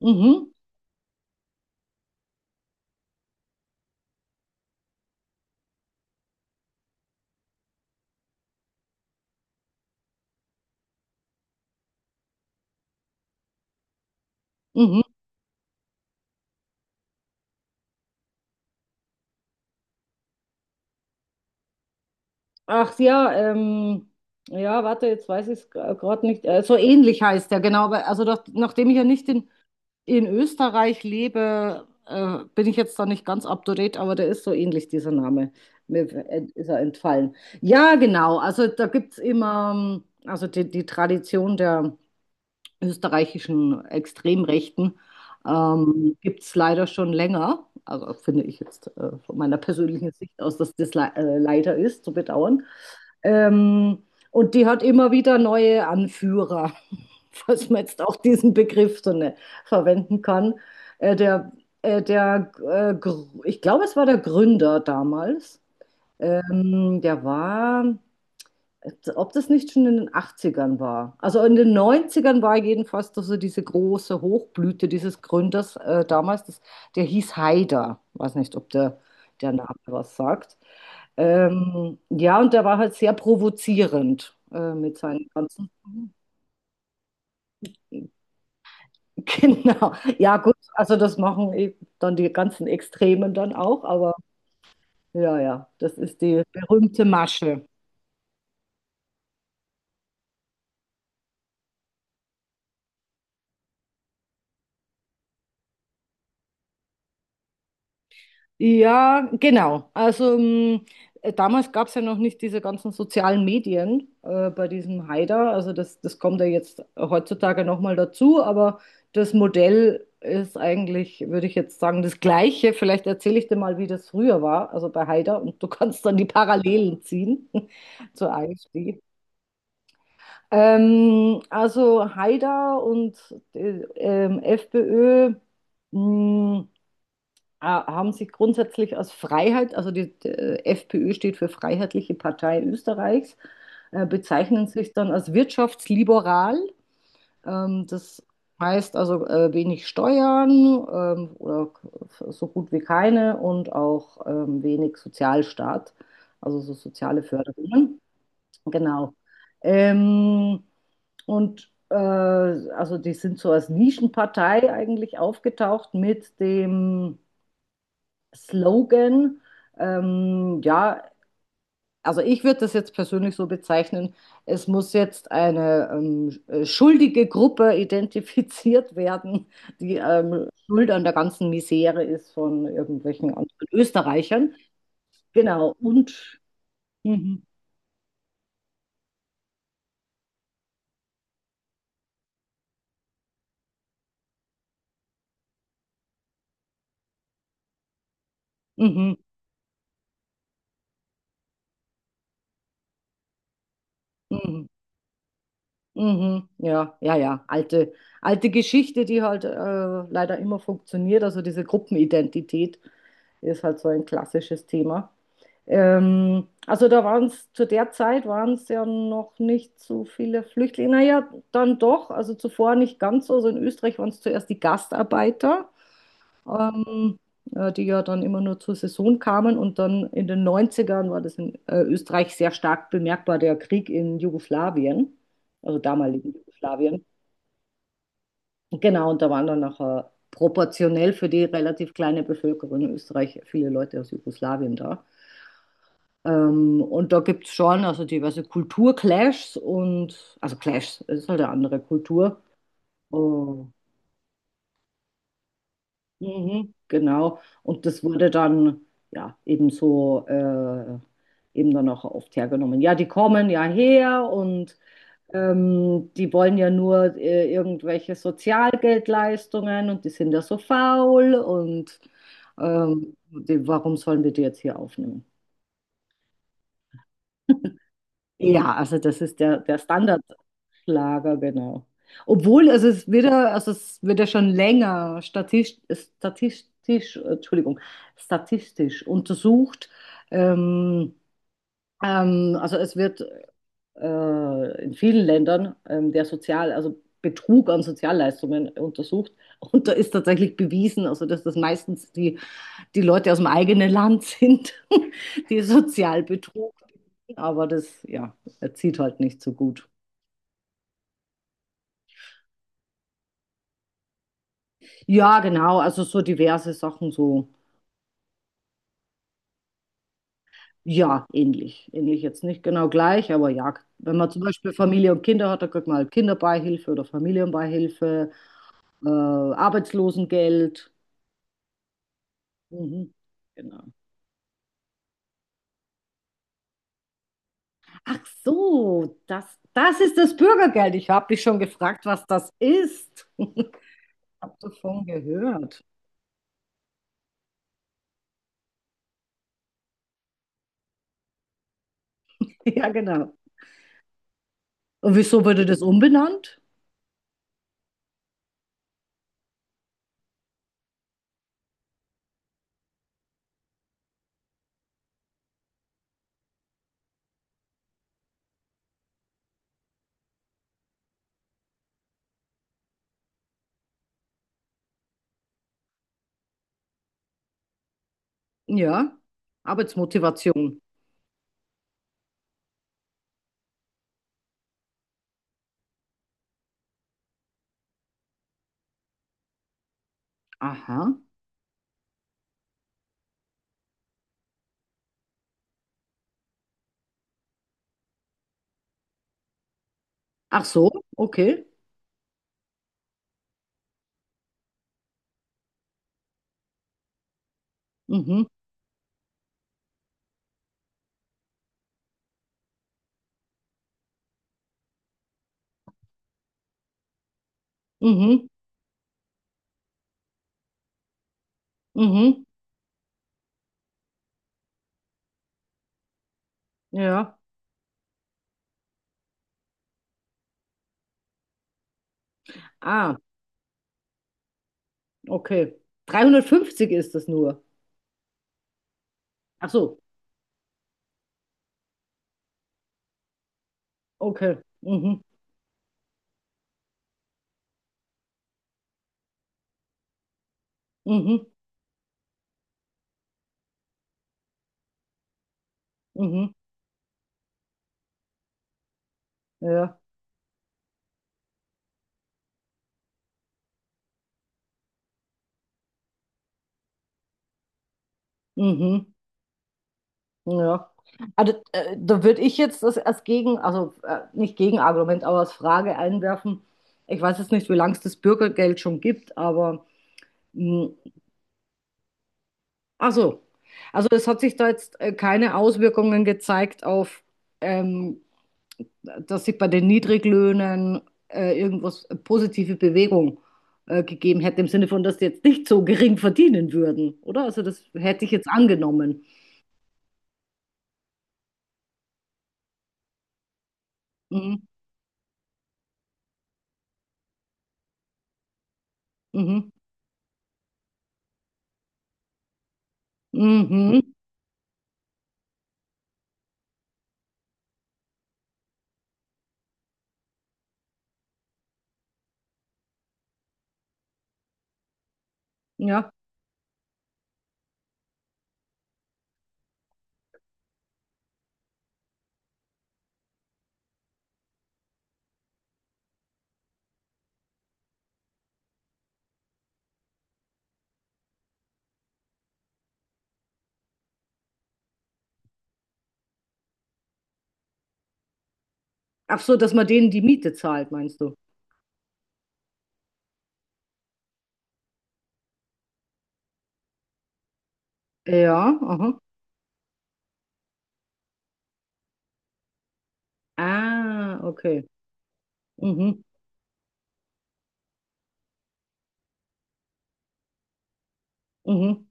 Mhm, mhm. Ach ja, ja, warte, jetzt weiß ich es gerade nicht. So ähnlich heißt der, genau. Aber also doch, nachdem ich ja nicht in Österreich lebe, bin ich jetzt da nicht ganz up to date, aber der ist so ähnlich, dieser Name. Mir ist er entfallen. Ja, genau. Also da gibt es immer, also die Tradition der österreichischen Extremrechten gibt es leider schon länger. Also finde ich jetzt von meiner persönlichen Sicht aus, dass das le leider ist, zu bedauern. Ähm, und die hat immer wieder neue Anführer, falls man jetzt auch diesen Begriff so ne, verwenden kann. Äh, der, Ich glaube, es war der Gründer damals. Der war, ob das nicht schon in den 80ern war. Also in den 90ern war jedenfalls doch so diese große Hochblüte dieses Gründers damals, der hieß Haider. Weiß nicht, ob der Name was sagt. Ja, und der war halt sehr provozierend mit seinen ganzen. Genau. Ja, gut, also das machen eben dann die ganzen Extremen dann auch, aber ja, das ist die berühmte Masche. Ja, genau. Damals gab es ja noch nicht diese ganzen sozialen Medien bei diesem Haider. Also das kommt ja jetzt heutzutage nochmal dazu, aber das Modell ist eigentlich, würde ich jetzt sagen, das gleiche. Vielleicht erzähle ich dir mal, wie das früher war, also bei Haider, und du kannst dann die Parallelen ziehen zur AfD. Also Haider und FPÖ. mm, Haben Sie grundsätzlich als Freiheit, also die FPÖ steht für Freiheitliche Partei Österreichs, bezeichnen sich dann als wirtschaftsliberal. Das heißt also wenig Steuern, oder so gut wie keine, und auch wenig Sozialstaat, also so soziale Förderungen. Genau. Ähm, und also die sind so als Nischenpartei eigentlich aufgetaucht mit dem Slogan, ja, also ich würde das jetzt persönlich so bezeichnen, es muss jetzt eine schuldige Gruppe identifiziert werden, die schuld an der ganzen Misere ist von irgendwelchen anderen Österreichern. Genau, und mhm, mhm, mhm. Mhm, ja, ja, ja. Alte Geschichte, die halt leider immer funktioniert. Also diese Gruppenidentität ist halt so ein klassisches Thema. Also da waren es, zu der Zeit waren es ja noch nicht so viele Flüchtlinge. Naja, dann doch, also zuvor nicht ganz so. Also in Österreich waren es zuerst die Gastarbeiter, ähm, die ja dann immer nur zur Saison kamen. Und dann in den Neunzigern war das in Österreich sehr stark bemerkbar, der Krieg in Jugoslawien, also damaligen Jugoslawien. Genau, und da waren dann nachher proportionell für die relativ kleine Bevölkerung in Österreich viele Leute aus Jugoslawien da. Und da gibt es schon also diverse Kulturclashs und, also Clashs, es ist halt eine andere Kultur. Oh. Mhm, genau. Und das wurde dann ja eben so eben dann auch oft hergenommen. Ja, die kommen ja her und die wollen ja nur irgendwelche Sozialgeldleistungen und die sind ja so faul und warum sollen wir die jetzt hier aufnehmen? Ja, also das ist der Standard. Schlager, genau. Obwohl, also es wird ja, also es wird ja schon länger Entschuldigung, statistisch untersucht. Ähm, also es wird in vielen Ländern der Sozial, also Betrug an Sozialleistungen untersucht. Und da ist tatsächlich bewiesen, also dass das meistens die Leute aus dem eigenen Land sind, die sozial betrug. Aber das, ja, zieht halt nicht so gut. Ja, genau, also so diverse Sachen, so, ja, ähnlich. Ähnlich jetzt nicht genau gleich, aber ja, wenn man zum Beispiel Familie und Kinder hat, dann kriegt man halt Kinderbeihilfe oder Familienbeihilfe, Arbeitslosengeld. Mhm, genau. Ach so, das ist das Bürgergeld. Ich habe dich schon gefragt, was das ist. Hab davon gehört. Ja, genau. Und wieso wurde das umbenannt? Ja, Arbeitsmotivation. Aha. Ach so, okay. Mhm. Mhm, mhm, ja. Ah, okay. 350 ist das nur. Ach so, okay. Mhm, mhm, mhm, ja, mhm, ja. Also, da würde ich jetzt das als Gegen, also nicht Gegenargument, aber als Frage einwerfen. Ich weiß jetzt nicht, wie lange es das Bürgergeld schon gibt, aber mh, ach so. Also es hat sich da jetzt keine Auswirkungen gezeigt auf ähm, dass sich bei den Niedriglöhnen irgendwas positive Bewegung gegeben hätte, im Sinne von, dass die jetzt nicht so gering verdienen würden, oder? Also das hätte ich jetzt angenommen. Mhm. Mhm. Mhm. Ja. Ach so, dass man denen die Miete zahlt, meinst du? Ja, aha. Ah, okay. Mhm. Mhm.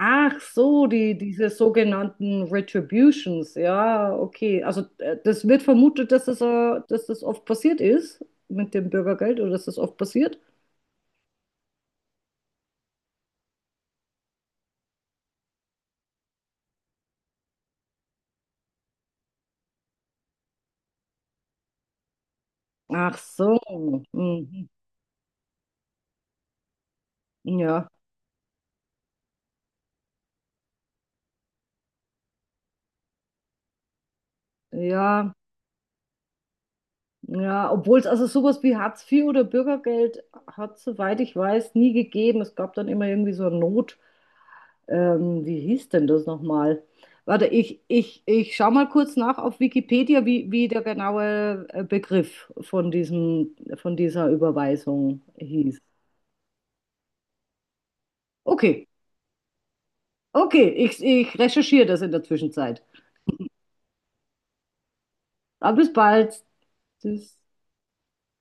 Ach so, die, diese sogenannten Retributions, ja, okay. Also das wird vermutet, dass dass das oft passiert ist mit dem Bürgergeld oder dass das oft passiert. Ach so, mhm. Ja, ja, ja. Obwohl es also sowas wie Hartz 4 oder Bürgergeld hat, soweit ich weiß, nie gegeben. Es gab dann immer irgendwie so eine Not. Wie hieß denn das nochmal? Warte, ich schau mal kurz nach auf Wikipedia, wie der genaue Begriff von von dieser Überweisung hieß. Okay, okay, ich recherchiere das in der Zwischenzeit. Aber bis bald. Tschüss.